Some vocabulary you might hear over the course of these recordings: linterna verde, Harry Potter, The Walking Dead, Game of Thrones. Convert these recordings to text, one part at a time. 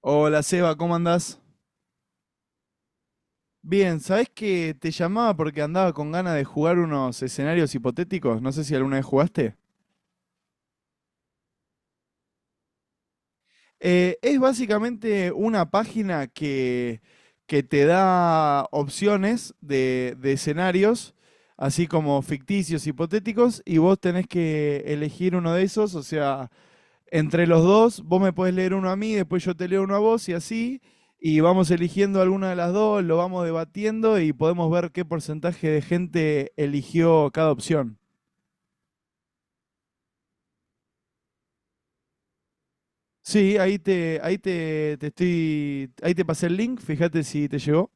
Hola Seba, ¿cómo andás? Bien, ¿sabés que te llamaba porque andaba con ganas de jugar unos escenarios hipotéticos? No sé si alguna vez jugaste. Es básicamente una página que te da opciones de escenarios, así como ficticios, hipotéticos, y vos tenés que elegir uno de esos, o sea, entre los dos, vos me podés leer uno a mí, después yo te leo uno a vos y así, y vamos eligiendo alguna de las dos, lo vamos debatiendo y podemos ver qué porcentaje de gente eligió cada opción. Sí, ahí te pasé el link, fíjate si te llegó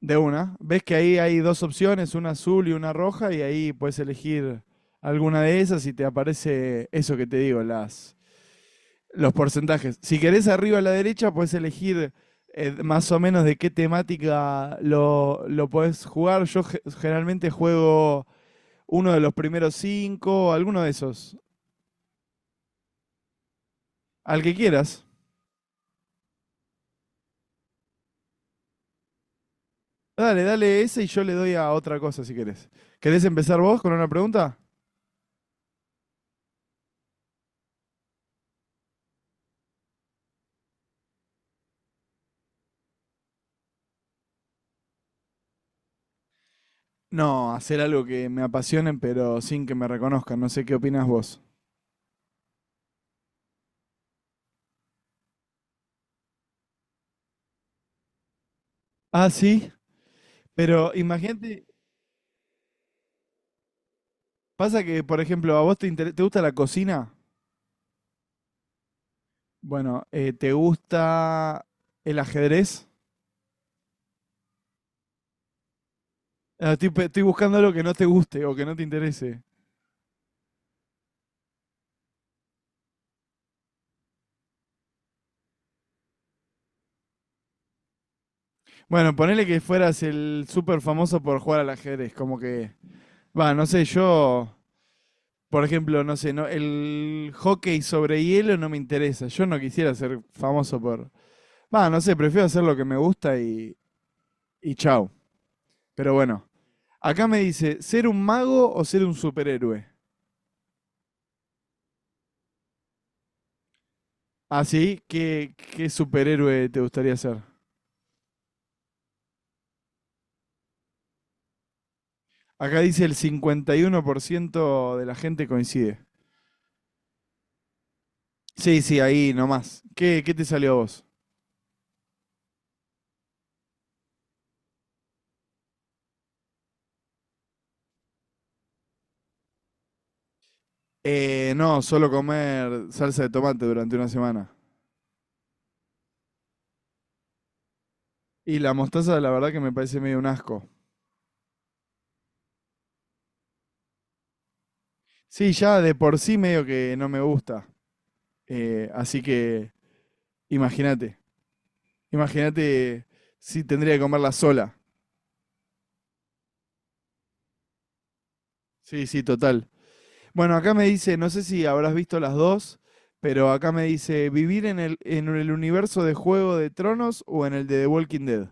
de una. Ves que ahí hay dos opciones, una azul y una roja, y ahí puedes elegir alguna de esas y te aparece eso que te digo, los porcentajes. Si querés arriba a la derecha, puedes elegir más o menos de qué temática lo podés jugar. Yo generalmente juego uno de los primeros cinco, alguno de esos. Al que quieras. Dale, dale ese y yo le doy a otra cosa si querés. ¿Querés empezar vos con una pregunta? No, hacer algo que me apasionen pero sin que me reconozcan. No sé qué opinas vos. Ah, sí, pero imagínate, pasa que, por ejemplo, a vos te gusta la cocina. Bueno, ¿te gusta el ajedrez? Ah, Estoy buscando algo que no te guste o que no te interese. Bueno, ponele que fueras el súper famoso por jugar al ajedrez, como que... Va, no sé, yo, por ejemplo, no sé, no, el hockey sobre hielo no me interesa. Yo no quisiera ser famoso por... Va, no sé, prefiero hacer lo que me gusta y chau. Pero bueno, acá me dice, ¿ser un mago o ser un superhéroe? Así, ¿qué superhéroe te gustaría ser? Acá dice el 51% de la gente coincide. Sí, sí, ahí nomás. ¿Qué te salió a vos? No, solo comer salsa de tomate durante una semana. Y la mostaza, la verdad que me parece medio un asco. Sí, ya de por sí medio que no me gusta. Así que imagínate. Imagínate si tendría que comerla sola. Sí, sí, total. Bueno, acá me dice, no sé si habrás visto las dos, pero acá me dice, ¿vivir en en el universo de Juego de Tronos o en el de The Walking Dead?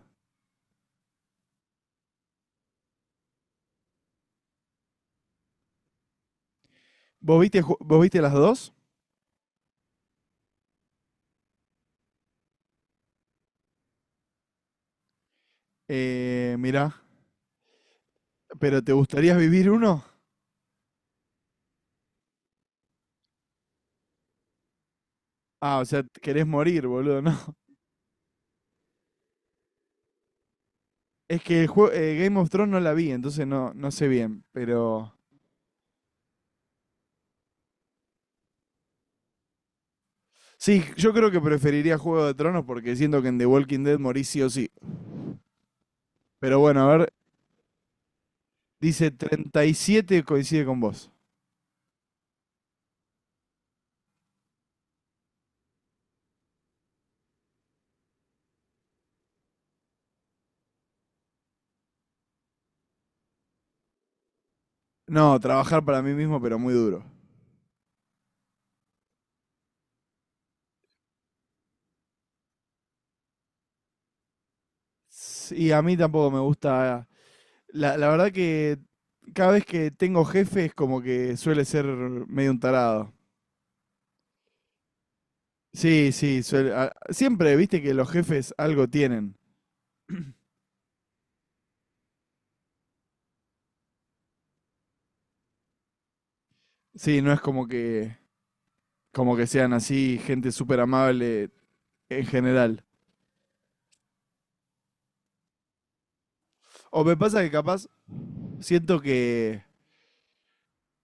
Vos viste las dos? Mirá, ¿pero te gustaría vivir uno? Ah, o sea, querés morir, boludo, ¿no? Es que el Game of Thrones no la vi, entonces no, no sé bien, pero... Sí, yo creo que preferiría Juego de Tronos porque siento que en The Walking Dead morís sí o sí. Pero bueno, a ver, dice 37 coincide con vos. No, trabajar para mí mismo, pero muy duro. Sí, a mí tampoco me gusta. La verdad que cada vez que tengo jefes, como que suele ser medio un tarado. Sí, sí, siempre, viste que los jefes algo tienen. Sí, no es como que sean así, gente súper amable en general. O me pasa que capaz siento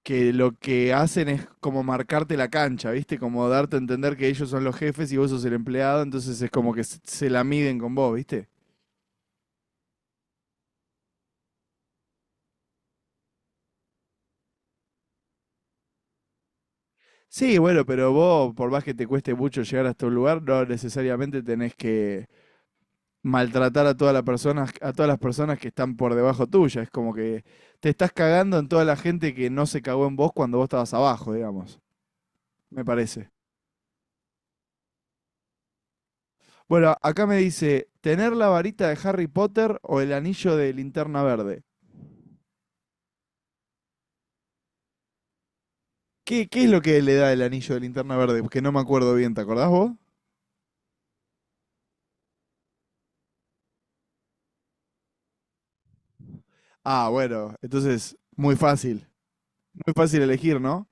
que lo que hacen es como marcarte la cancha, viste, como darte a entender que ellos son los jefes y vos sos el empleado, entonces es como que se la miden con vos, viste. Sí, bueno, pero vos, por más que te cueste mucho llegar hasta un lugar, no necesariamente tenés que maltratar a todas las personas, a todas las personas que están por debajo tuya. Es como que te estás cagando en toda la gente que no se cagó en vos cuando vos estabas abajo, digamos. Me parece. Bueno, acá me dice, ¿tener la varita de Harry Potter o el anillo de linterna verde? ¿Qué es lo que le da el anillo de linterna verde? Porque no me acuerdo bien, ¿te acordás vos? Ah, bueno, entonces, muy fácil. Muy fácil elegir, ¿no?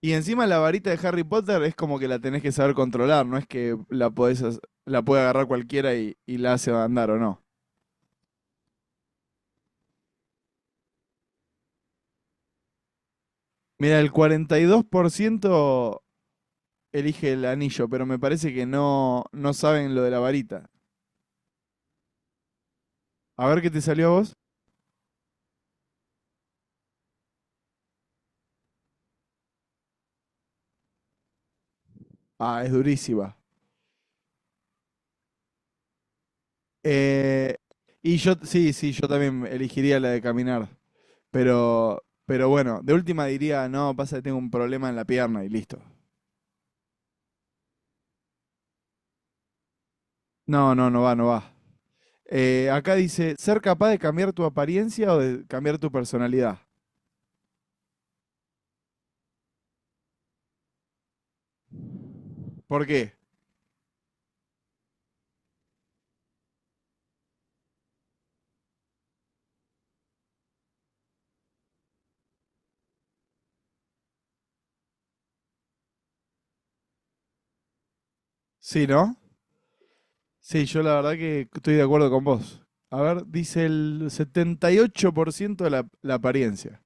Y encima la varita de Harry Potter es como que la tenés que saber controlar, no es que la podés, la puede agarrar cualquiera y la hace andar o no. Mira, el 42% elige el anillo, pero me parece que no, no saben lo de la varita. A ver qué te salió a vos. Ah, es durísima. Eh, y yo, sí, sí, yo también elegiría la de caminar. Pero bueno, de última diría, no, pasa que tengo un problema en la pierna y listo. No, no, no va, no va. Acá dice, ser capaz de cambiar tu apariencia o de cambiar tu personalidad. ¿Por qué? Sí, ¿no? Sí, yo la verdad que estoy de acuerdo con vos. A ver, dice el 78% de la apariencia.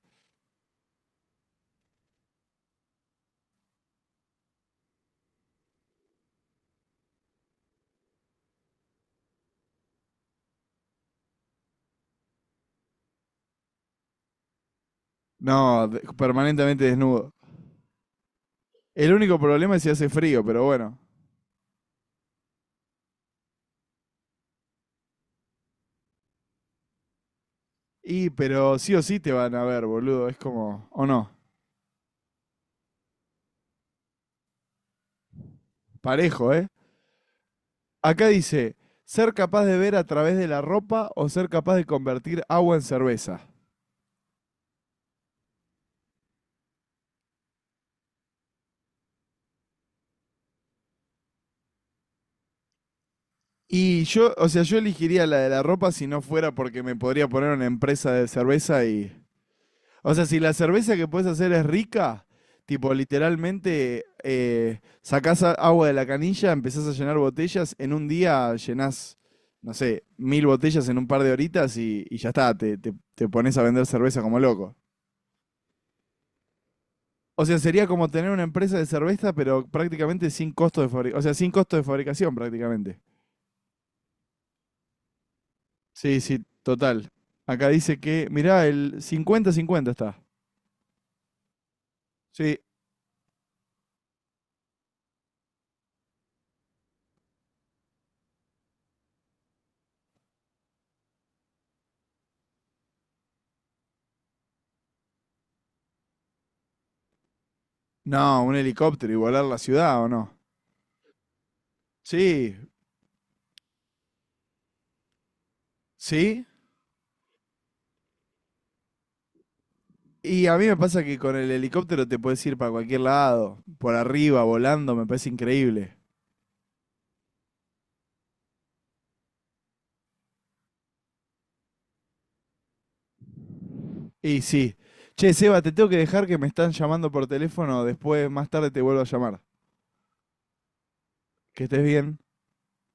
No, permanentemente desnudo. El único problema es si hace frío, pero bueno. Y, pero sí o sí te van a ver, boludo. Es como, o no, parejo, ¿eh? Acá dice, ser capaz de ver a través de la ropa o ser capaz de convertir agua en cerveza. Y yo, o sea, yo elegiría la de la ropa si no fuera porque me podría poner una empresa de cerveza y... O sea, si la cerveza que puedes hacer es rica, tipo literalmente sacás agua de la canilla, empezás a llenar botellas, en un día llenás, no sé, 1000 botellas en un par de horitas y ya está, te pones a vender cerveza como loco. O sea, sería como tener una empresa de cerveza, pero prácticamente sin costo de fabricación, o sea, sin costo de fabricación prácticamente. Sí, sí, total. Acá dice que, mirá, el 50-50 está. Sí. No, un helicóptero y volar la ciudad, ¿o no? Sí, sí. Y a mí me pasa que con el helicóptero te puedes ir para cualquier lado, por arriba, volando, me parece increíble. Y sí. Che, Seba, te tengo que dejar que me están llamando por teléfono, después más tarde te vuelvo a llamar. Que estés bien.